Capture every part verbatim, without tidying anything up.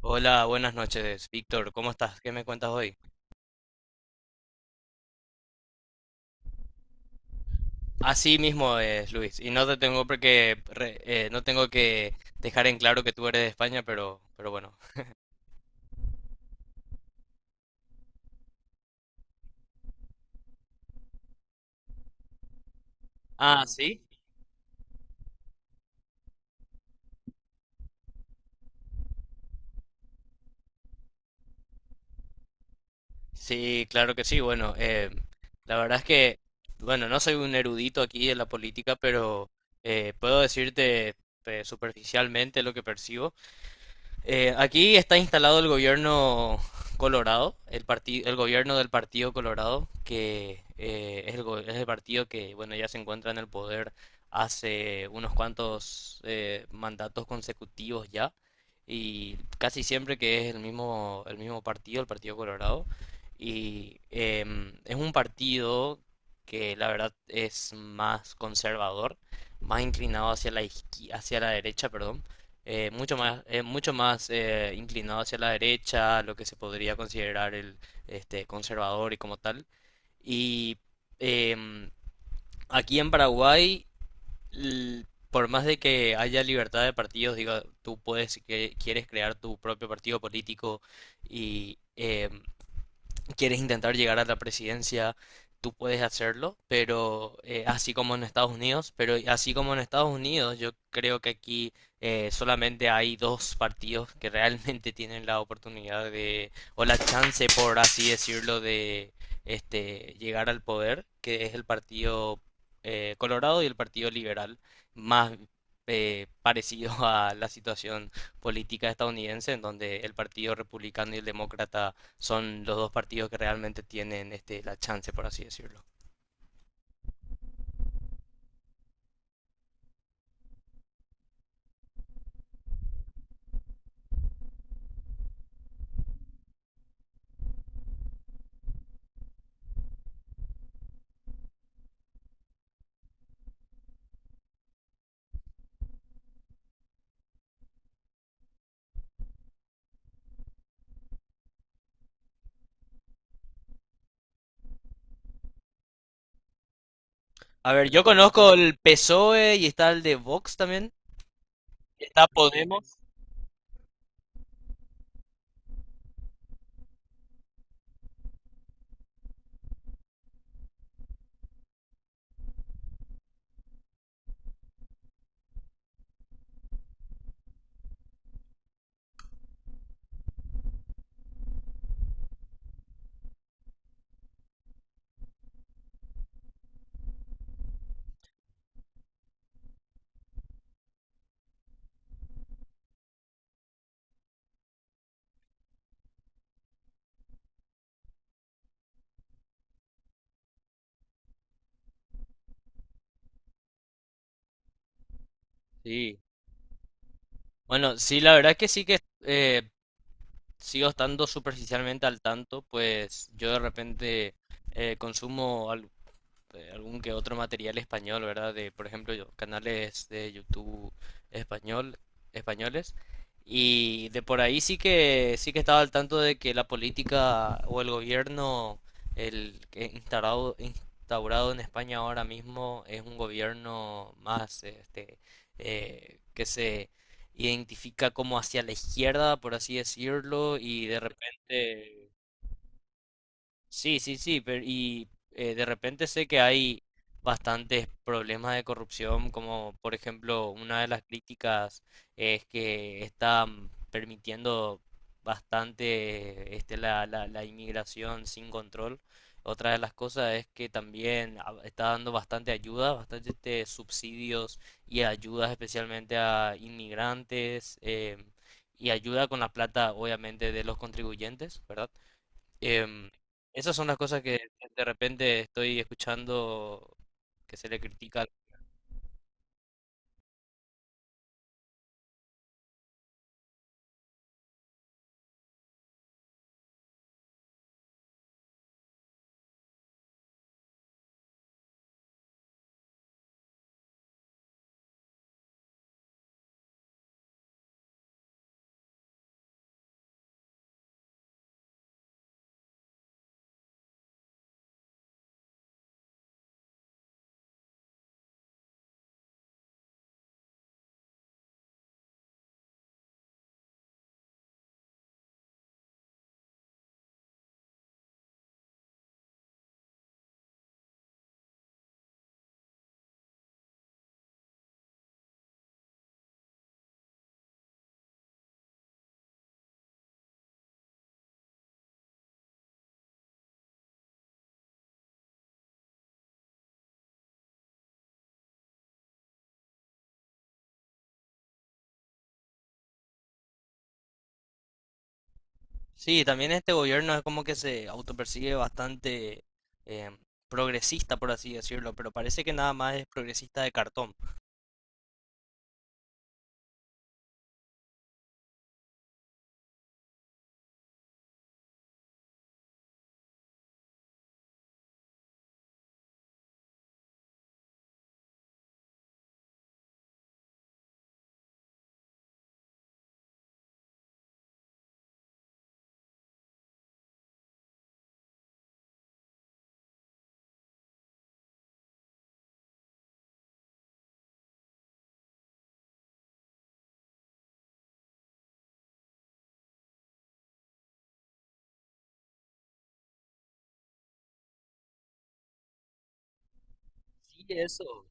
Hola, buenas noches, Víctor. ¿Cómo estás? ¿Qué me cuentas hoy? Así mismo es, Luis. Y no te tengo porque re- eh, no tengo que dejar en claro que tú eres de España, pero, pero bueno. Ah, sí. Sí, claro que sí. Bueno, eh, la verdad es que, bueno, no soy un erudito aquí de la política, pero eh, puedo decirte eh, superficialmente lo que percibo. Eh, aquí está instalado el gobierno Colorado, el partido, el gobierno del Partido Colorado, que eh, es el, go- es el partido que, bueno, ya se encuentra en el poder hace unos cuantos eh, mandatos consecutivos ya, y casi siempre que es el mismo, el mismo partido, el Partido Colorado, y em, es un partido que la verdad es más conservador, más inclinado hacia la izqui- hacia la derecha, perdón eh, mucho más, es mucho más eh, inclinado hacia la derecha, lo que se podría considerar el este, conservador y como tal. Y em, aquí en Paraguay, l- por más de que haya libertad de partidos, digo, tú puedes, que- quieres crear tu propio partido político y em, quieres intentar llegar a la presidencia, tú puedes hacerlo, pero eh, así como en Estados Unidos, pero así como en Estados Unidos, yo creo que aquí eh, solamente hay dos partidos que realmente tienen la oportunidad de, o la chance, por así decirlo, de este, llegar al poder, que es el Partido eh, Colorado y el Partido Liberal, más eh, parecido a la situación política estadounidense, en donde el Partido Republicano y el Demócrata son los dos partidos que realmente tienen este, la chance, por así decirlo. A ver, yo conozco el P S O E y está el de Vox también. Está Podemos. Sí. Bueno, sí, la verdad es que sí que eh, sigo estando superficialmente al tanto, pues yo de repente eh, consumo al- eh, algún que otro material español, ¿verdad? De, por ejemplo, yo- canales de YouTube español, españoles. Y de por ahí sí que sí que estaba al tanto de que la política o el gobierno el que instaurado instaurado en España ahora mismo es un gobierno más este eh, que se identifica como hacia la izquierda, por así decirlo, y de repente. Sí, sí, sí, pero y eh, de repente sé que hay bastantes problemas de corrupción, como por ejemplo una de las críticas es que están permitiendo bastante este, la, la, la inmigración sin control. Otra de las cosas es que también a- está dando bastante ayuda, bastante este, subsidios y ayudas especialmente a inmigrantes em, y ayuda con la plata obviamente de los contribuyentes, ¿verdad? Em, esas son las cosas que de repente estoy escuchando que se le critica. Sí, también este gobierno es como que se autopercibe bastante em, progresista, por así decirlo, pero parece que nada más es progresista de cartón. Sí, eso.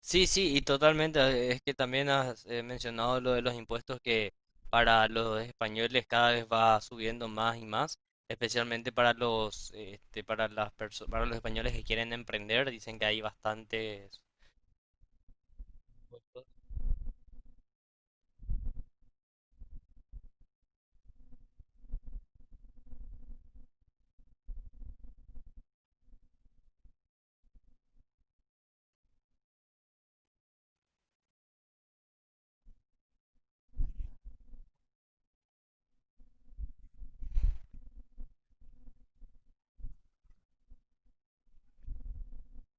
Sí, sí, y totalmente. eh, Es que también has eh, mencionado lo de los impuestos que para los españoles cada vez va subiendo más y más, especialmente para los, eh, este, para las perso- para los españoles que quieren emprender, dicen que hay bastantes.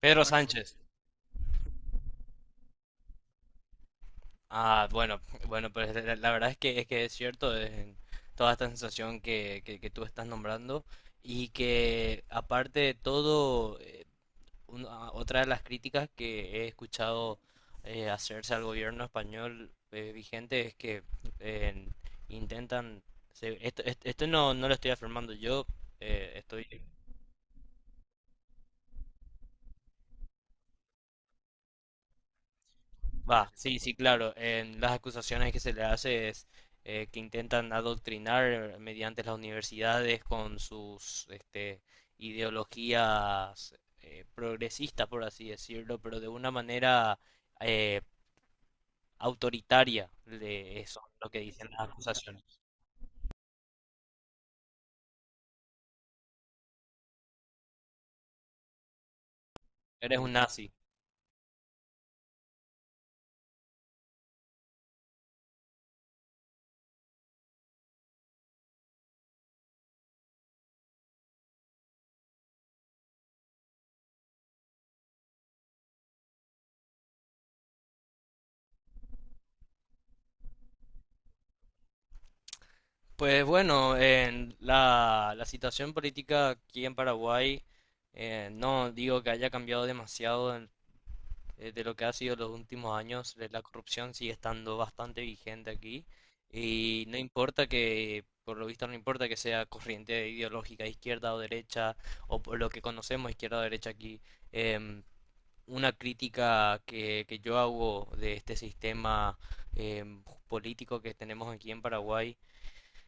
Pedro Sánchez. Ah, bueno, bueno, pues la, la verdad es que es que es cierto, es toda esta sensación que, que, que tú estás nombrando y que aparte de todo, eh, una- otra de las críticas que he escuchado eh, hacerse al gobierno español eh, vigente es que eh, intentan, se- esto, esto esto no, no lo estoy afirmando yo, eh, estoy. Va, sí, sí, claro. En las acusaciones que se le hace es eh, que intentan adoctrinar mediante las universidades con sus este, ideologías eh, progresistas, por así decirlo, pero de una manera eh, autoritaria. De eso es lo que dicen las acusaciones. Eres un nazi. Pues bueno, en la, la situación política aquí en Paraguay, eh, no digo que haya cambiado demasiado eh, de lo que ha sido los últimos años, la corrupción sigue estando bastante vigente aquí y no importa que, por lo visto no importa que sea corriente ideológica, izquierda o derecha, o por lo que conocemos izquierda o derecha aquí, em, una crítica que, que yo hago de este sistema em, político que tenemos aquí en Paraguay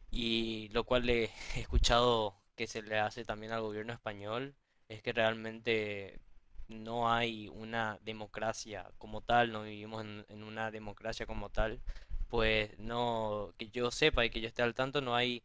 y lo cual le he escuchado que se le hace también al gobierno español es que realmente no hay una democracia como tal, no vivimos en, en una democracia como tal, pues no, que yo sepa y que yo esté al tanto, no hay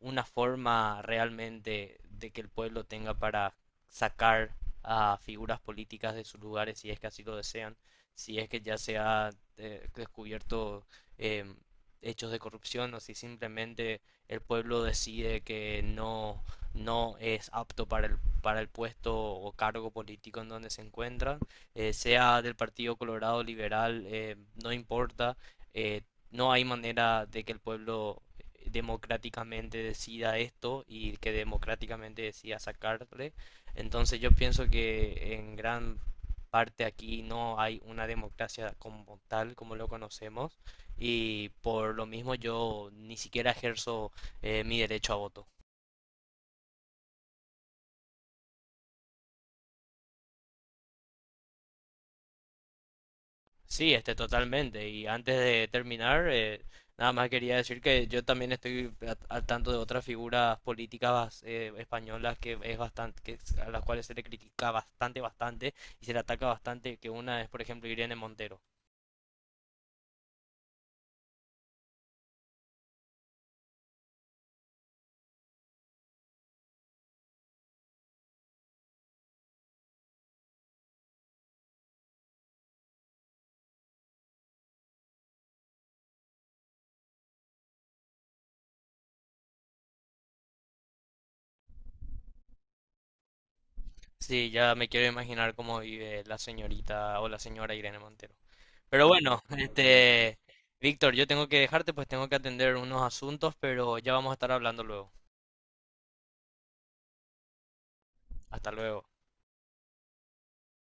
una forma realmente de que el pueblo tenga para sacar a figuras políticas de sus lugares si es que así lo desean, si es que ya se ha eh, descubierto em, hechos de corrupción o si simplemente el pueblo decide que no, no es apto para el, para el puesto o cargo político en donde se encuentra, eh, sea del Partido Colorado Liberal, eh, no importa, eh, no hay manera de que el pueblo democráticamente decida esto y que democráticamente decida sacarle. Entonces yo pienso que en gran parte aquí no hay una democracia como tal, como lo conocemos, y por lo mismo yo ni siquiera ejerzo eh, mi derecho a voto. Sí, este, totalmente. Y antes de terminar, eh, nada más quería decir que yo también estoy a- al tanto de otras figuras políticas eh, españolas que es bastante, que es- a las cuales se le critica bastante, bastante, y se le ataca bastante. Que una es, por ejemplo, Irene Montero. Sí, ya me quiero imaginar cómo vive la señorita o la señora Irene Montero. Pero bueno, este, Víctor, yo tengo que dejarte, pues tengo que atender unos asuntos, pero ya vamos a estar hablando luego. Hasta luego.